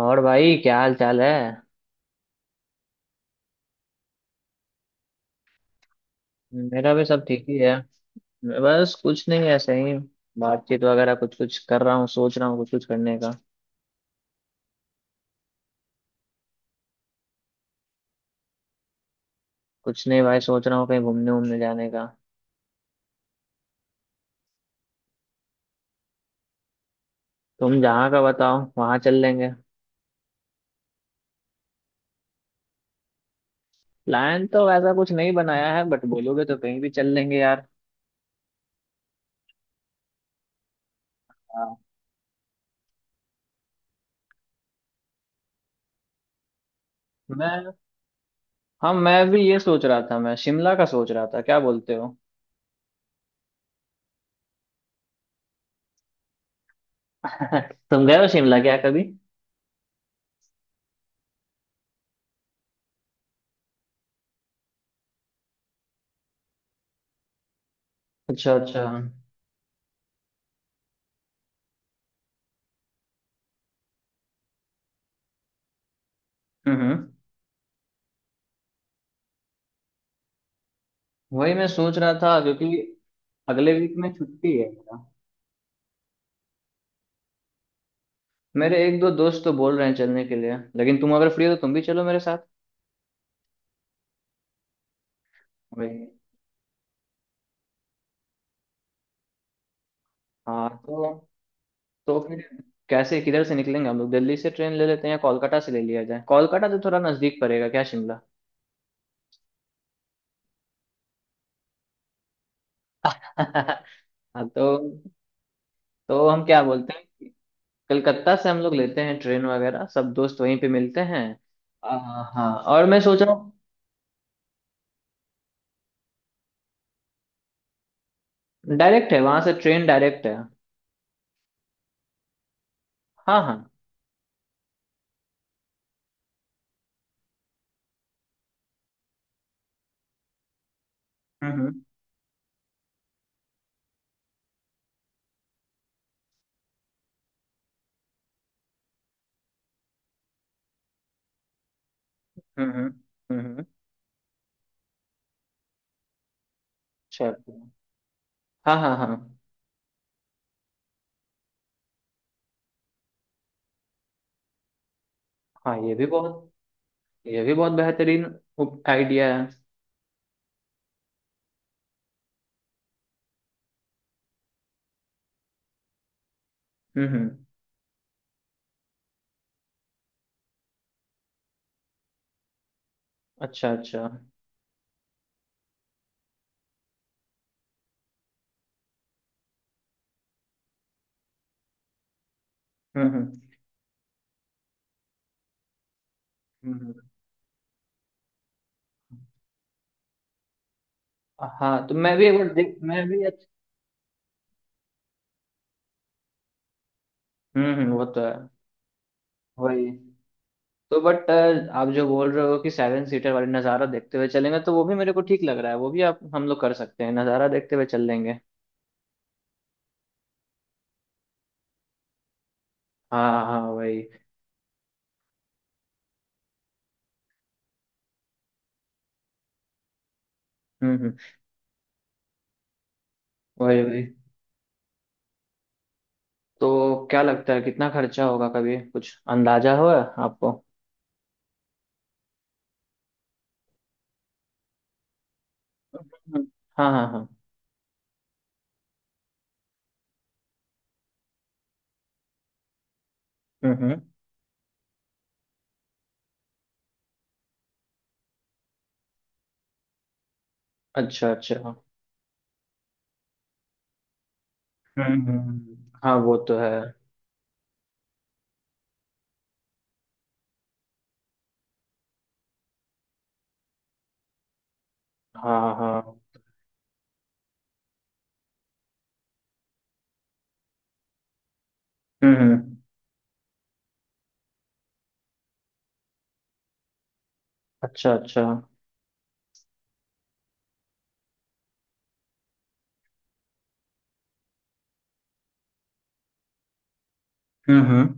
और भाई क्या हाल चाल है। मेरा भी सब ठीक ही है। बस कुछ नहीं, ऐसे ही बातचीत वगैरह कुछ कुछ कर रहा हूँ, सोच रहा हूँ कुछ कुछ करने का। कुछ नहीं भाई, सोच रहा हूँ कहीं घूमने घूमने जाने का। तुम जहाँ का बताओ वहाँ चल लेंगे। प्लान तो वैसा कुछ नहीं बनाया है, बट बोलोगे तो कहीं भी चल लेंगे यार। हाँ। मैं, हाँ मैं भी ये सोच रहा था, मैं शिमला का सोच रहा था, क्या बोलते हो? तुम गए हो शिमला क्या कभी? अच्छा अच्छा, हम्म। वही मैं सोच रहा था क्योंकि अगले वीक में छुट्टी है मेरा। मेरे एक दो दोस्त तो बोल रहे हैं चलने के लिए, लेकिन तुम अगर फ्री हो तो तुम भी चलो मेरे साथ। भाई। हाँ तो फिर कैसे, किधर से निकलेंगे हम लोग? दिल्ली से ट्रेन ले लेते हैं या कोलकाता से ले लिया जाए? कोलकाता तो थोड़ा नजदीक पड़ेगा क्या शिमला? हाँ। तो तो हम क्या बोलते हैं कि कलकत्ता से हम लोग लेते हैं ट्रेन वगैरह, सब दोस्त वहीं पे मिलते हैं। आ, हाँ और मैं सोच रहा हूँ। डायरेक्ट है, वहां से ट्रेन डायरेक्ट है। हाँ हाँ। हम्म। हम्म हम्म हम्म हम्म, अच्छा। हाँ हाँ हाँ हाँ, ये भी बहुत, ये भी बहुत बेहतरीन आइडिया है। हम्म। अच्छा अच्छा, हम्म। हम्म हम्म, हम्म। हाँ तो मैं भी एक बार देख, मैं भी। हम्म, वो तो है। वही। तो बट आप जो बोल रहे हो कि सेवन सीटर वाली नज़ारा देखते हुए चलेंगे, तो वो भी मेरे को ठीक लग रहा है, वो भी आप हम लोग कर सकते हैं, नज़ारा देखते हुए चल लेंगे। हाँ हाँ, वही। हम्म हम्म वही वही। तो क्या लगता है, कितना खर्चा होगा? कभी कुछ अंदाजा हुआ है आपको? हम्म, हम्म। हाँ हाँ हाँ। हम्म। अच्छा अच्छा, हम्म। हाँ वो तो है। हाँ हाँ। हम्म, हम्म, अच्छा अच्छा। हम्म,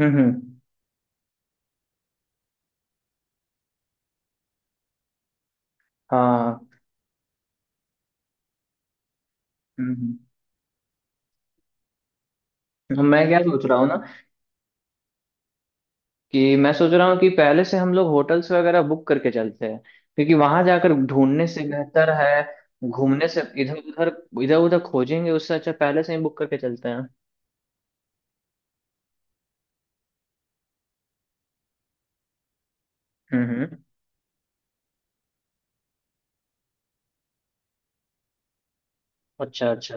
हम्म हम्म, हाँ। हम्म। मैं क्या सोच रहा हूँ ना, कि मैं सोच रहा हूँ कि पहले से हम लोग होटल्स वगैरह बुक करके चलते हैं, क्योंकि वहां जाकर ढूंढने से बेहतर है, घूमने से इधर उधर, इधर उधर खोजेंगे, उससे अच्छा पहले से ही बुक करके चलते हैं। हम्म, हम्म, अच्छा अच्छा।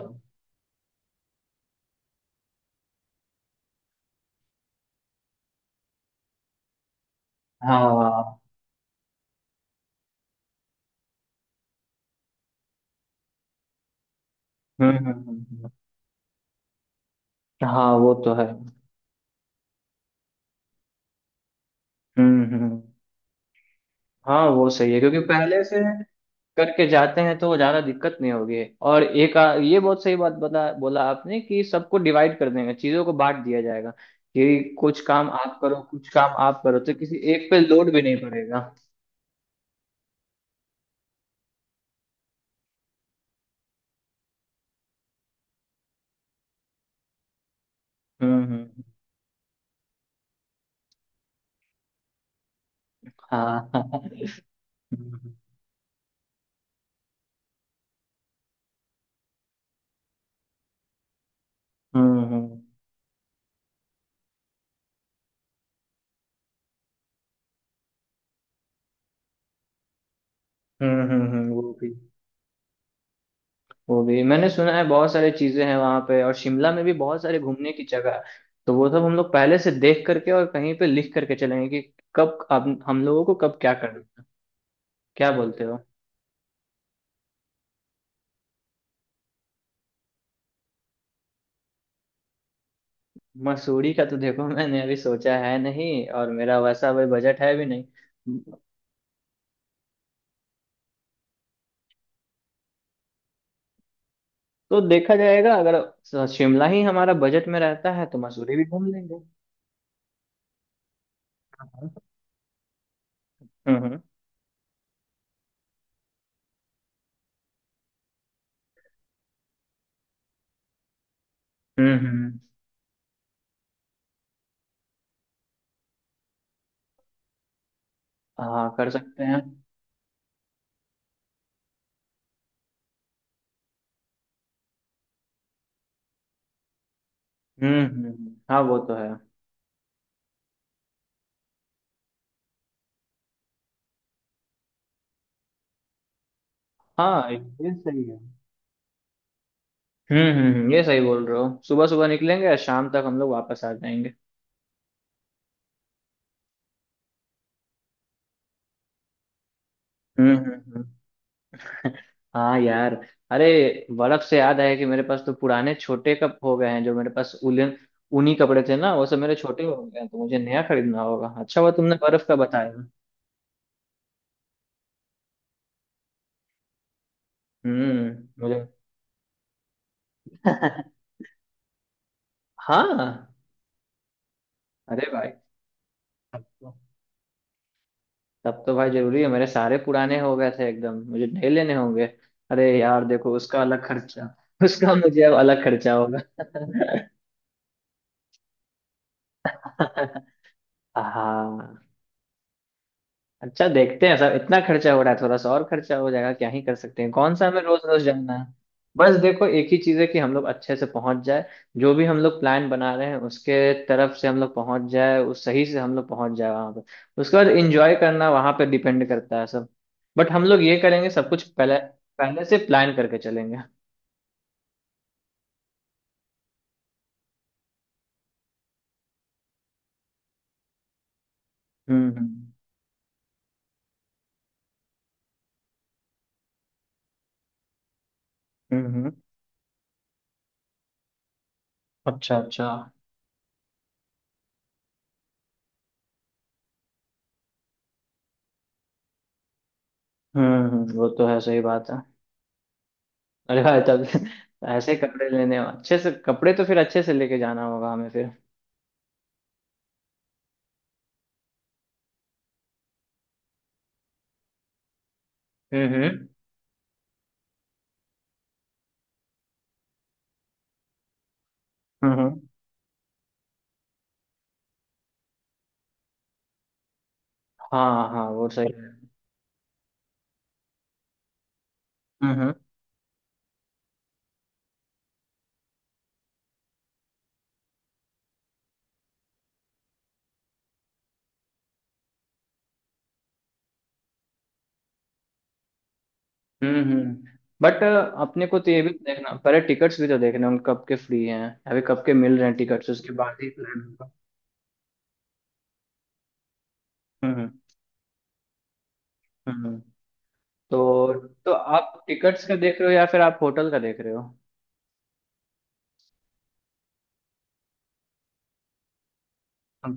हाँ। हम्म, हम्म, हम्म, हम्म। हाँ वो तो है। हम्म, हम्म, हाँ वो सही है, क्योंकि पहले से करके जाते हैं तो ज्यादा दिक्कत नहीं होगी। और एक ये बहुत सही बात बता बोला आपने कि सबको डिवाइड कर देंगे, चीजों को बांट दिया जाएगा, कि कुछ काम आप करो कुछ काम आप करो, तो किसी एक पे लोड भी नहीं पड़ेगा। हम्म। हाँ। हम्म हम्म वो भी, वो भी मैंने सुना है बहुत सारी चीजें हैं वहां पे, और शिमला में भी बहुत सारे घूमने की जगह है, तो वो सब हम लोग पहले से देख करके और कहीं पे लिख करके चलेंगे कि कब, अब हम लोगों को कब क्या करना है। क्या बोलते हो? मसूरी का तो देखो मैंने अभी सोचा है नहीं, और मेरा वैसा अभी बजट है भी नहीं। तो देखा जाएगा अगर शिमला ही हमारा बजट में रहता है तो मसूरी भी घूम लेंगे। हाँ। हम्म। हम्म हम्म, हाँ कर सकते हैं। हाँ वो तो है। हाँ ये सही है। ये सही बोल रहे हो, सुबह सुबह निकलेंगे और शाम तक हम लोग वापस आ जाएंगे। हम्म। हाँ यार, अरे बर्फ से याद आया कि मेरे पास तो पुराने छोटे कप हो गए हैं, जो मेरे पास उलन, ऊनी कपड़े थे ना, वो सब मेरे छोटे हो गए हैं, तो मुझे नया खरीदना होगा। अच्छा हुआ तुमने बर्फ का बताया। हम्म, मुझे। हाँ। अरे भाई, तब तो भाई जरूरी है, मेरे सारे पुराने हो गए थे एकदम, मुझे नए लेने होंगे। अरे यार देखो उसका अलग खर्चा, उसका मुझे अब अलग खर्चा होगा। हाँ। अच्छा देखते हैं सर, इतना खर्चा हो रहा है थोड़ा सा और खर्चा हो जाएगा, क्या ही कर सकते हैं, कौन सा हमें रोज रोज जाना है। बस देखो एक ही चीज है कि हम लोग अच्छे से पहुंच जाए, जो भी हम लोग प्लान बना रहे हैं उसके तरफ से हम लोग पहुंच जाए, उस सही से हम लोग पहुंच जाए वहां पर, उसके बाद एंजॉय करना वहां पर डिपेंड करता है सब। बट हम लोग ये करेंगे सब कुछ पहले, पहले से प्लान करके चलेंगे। हम्म हम्म हम्म हम्म। अच्छा अच्छा। हम्म, वो तो है, सही बात है। अरे भाई तब ऐसे कपड़े लेने, अच्छे से कपड़े तो फिर अच्छे से लेके जाना होगा हमें फिर। हम्म हम्म हम्म, हाँ हाँ वो सही है। हम्म हम्म हम्म बट अपने को तो ये भी तो देखना, पहले टिकट्स भी तो देखना उन कब के फ्री हैं, अभी कब के मिल रहे हैं टिकट्स, उसके बाद ही प्लान होगा। हम्म। हम्म तो तो आप टिकट्स का देख रहे हो या फिर आप होटल का देख रहे हो?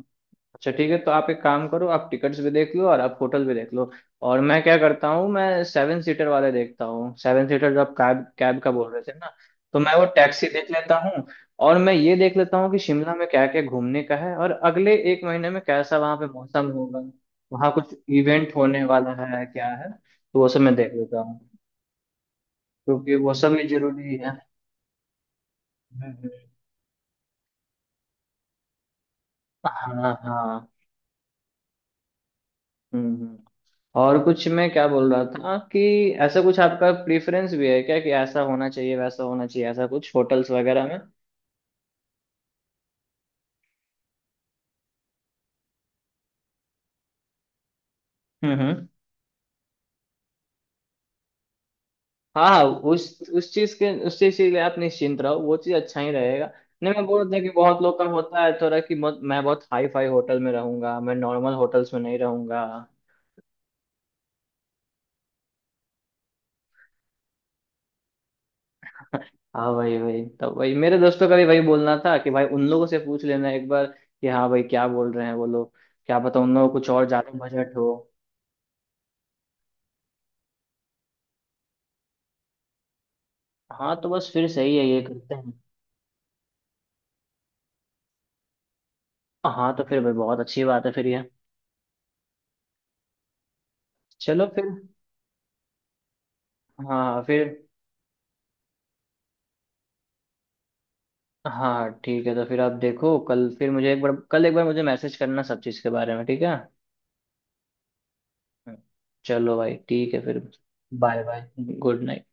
अच्छा ठीक है, तो आप एक काम करो, आप टिकट्स भी देख लो और आप होटल भी देख लो, और मैं क्या करता हूँ, मैं सेवन सीटर वाले देखता हूँ, सेवन सीटर जो आप कैब कैब का बोल रहे थे ना, तो मैं वो टैक्सी देख लेता हूँ। और मैं ये देख लेता हूँ कि शिमला में क्या क्या घूमने का है, और अगले एक महीने में कैसा वहाँ पे मौसम होगा, वहाँ कुछ इवेंट होने वाला है क्या है, तो वो सब मैं देख लेता हूँ, क्योंकि वो सब भी जरूरी है। हम्म, हम्म। हाँ हाँ। हम्म। हम्म। और कुछ, मैं क्या बोल रहा था कि ऐसा कुछ आपका प्रेफरेंस भी है क्या, कि ऐसा होना चाहिए वैसा होना चाहिए, ऐसा कुछ होटल्स वगैरह में? हम्म। हाँ हाँ, उस चीज के, उस चीज के लिए आप निश्चिंत रहो, वो चीज अच्छा ही रहेगा। नहीं मैं बोल रहा था कि बहुत लोग का होता है थोड़ा कि मैं बहुत हाई फाई होटल में रहूंगा, मैं नॉर्मल होटल्स में नहीं रहूंगा। हाँ वही, वही तो, वही मेरे दोस्तों का भी वही बोलना था कि भाई उन लोगों से पूछ लेना एक बार कि हाँ भाई क्या बोल रहे हैं वो लोग, क्या पता उन लोगों को कुछ और ज्यादा बजट हो। हाँ तो बस फिर सही है, ये करते हैं। हाँ तो फिर भाई बहुत अच्छी बात है फिर ये। चलो फिर। हाँ। हाँ, फिर। हाँ हाँ, ठीक है, तो फिर आप देखो, कल फिर मुझे एक बार, कल एक बार मुझे मैसेज करना सब चीज़ के बारे में, ठीक है। चलो भाई ठीक है फिर। Bye bye. Good night.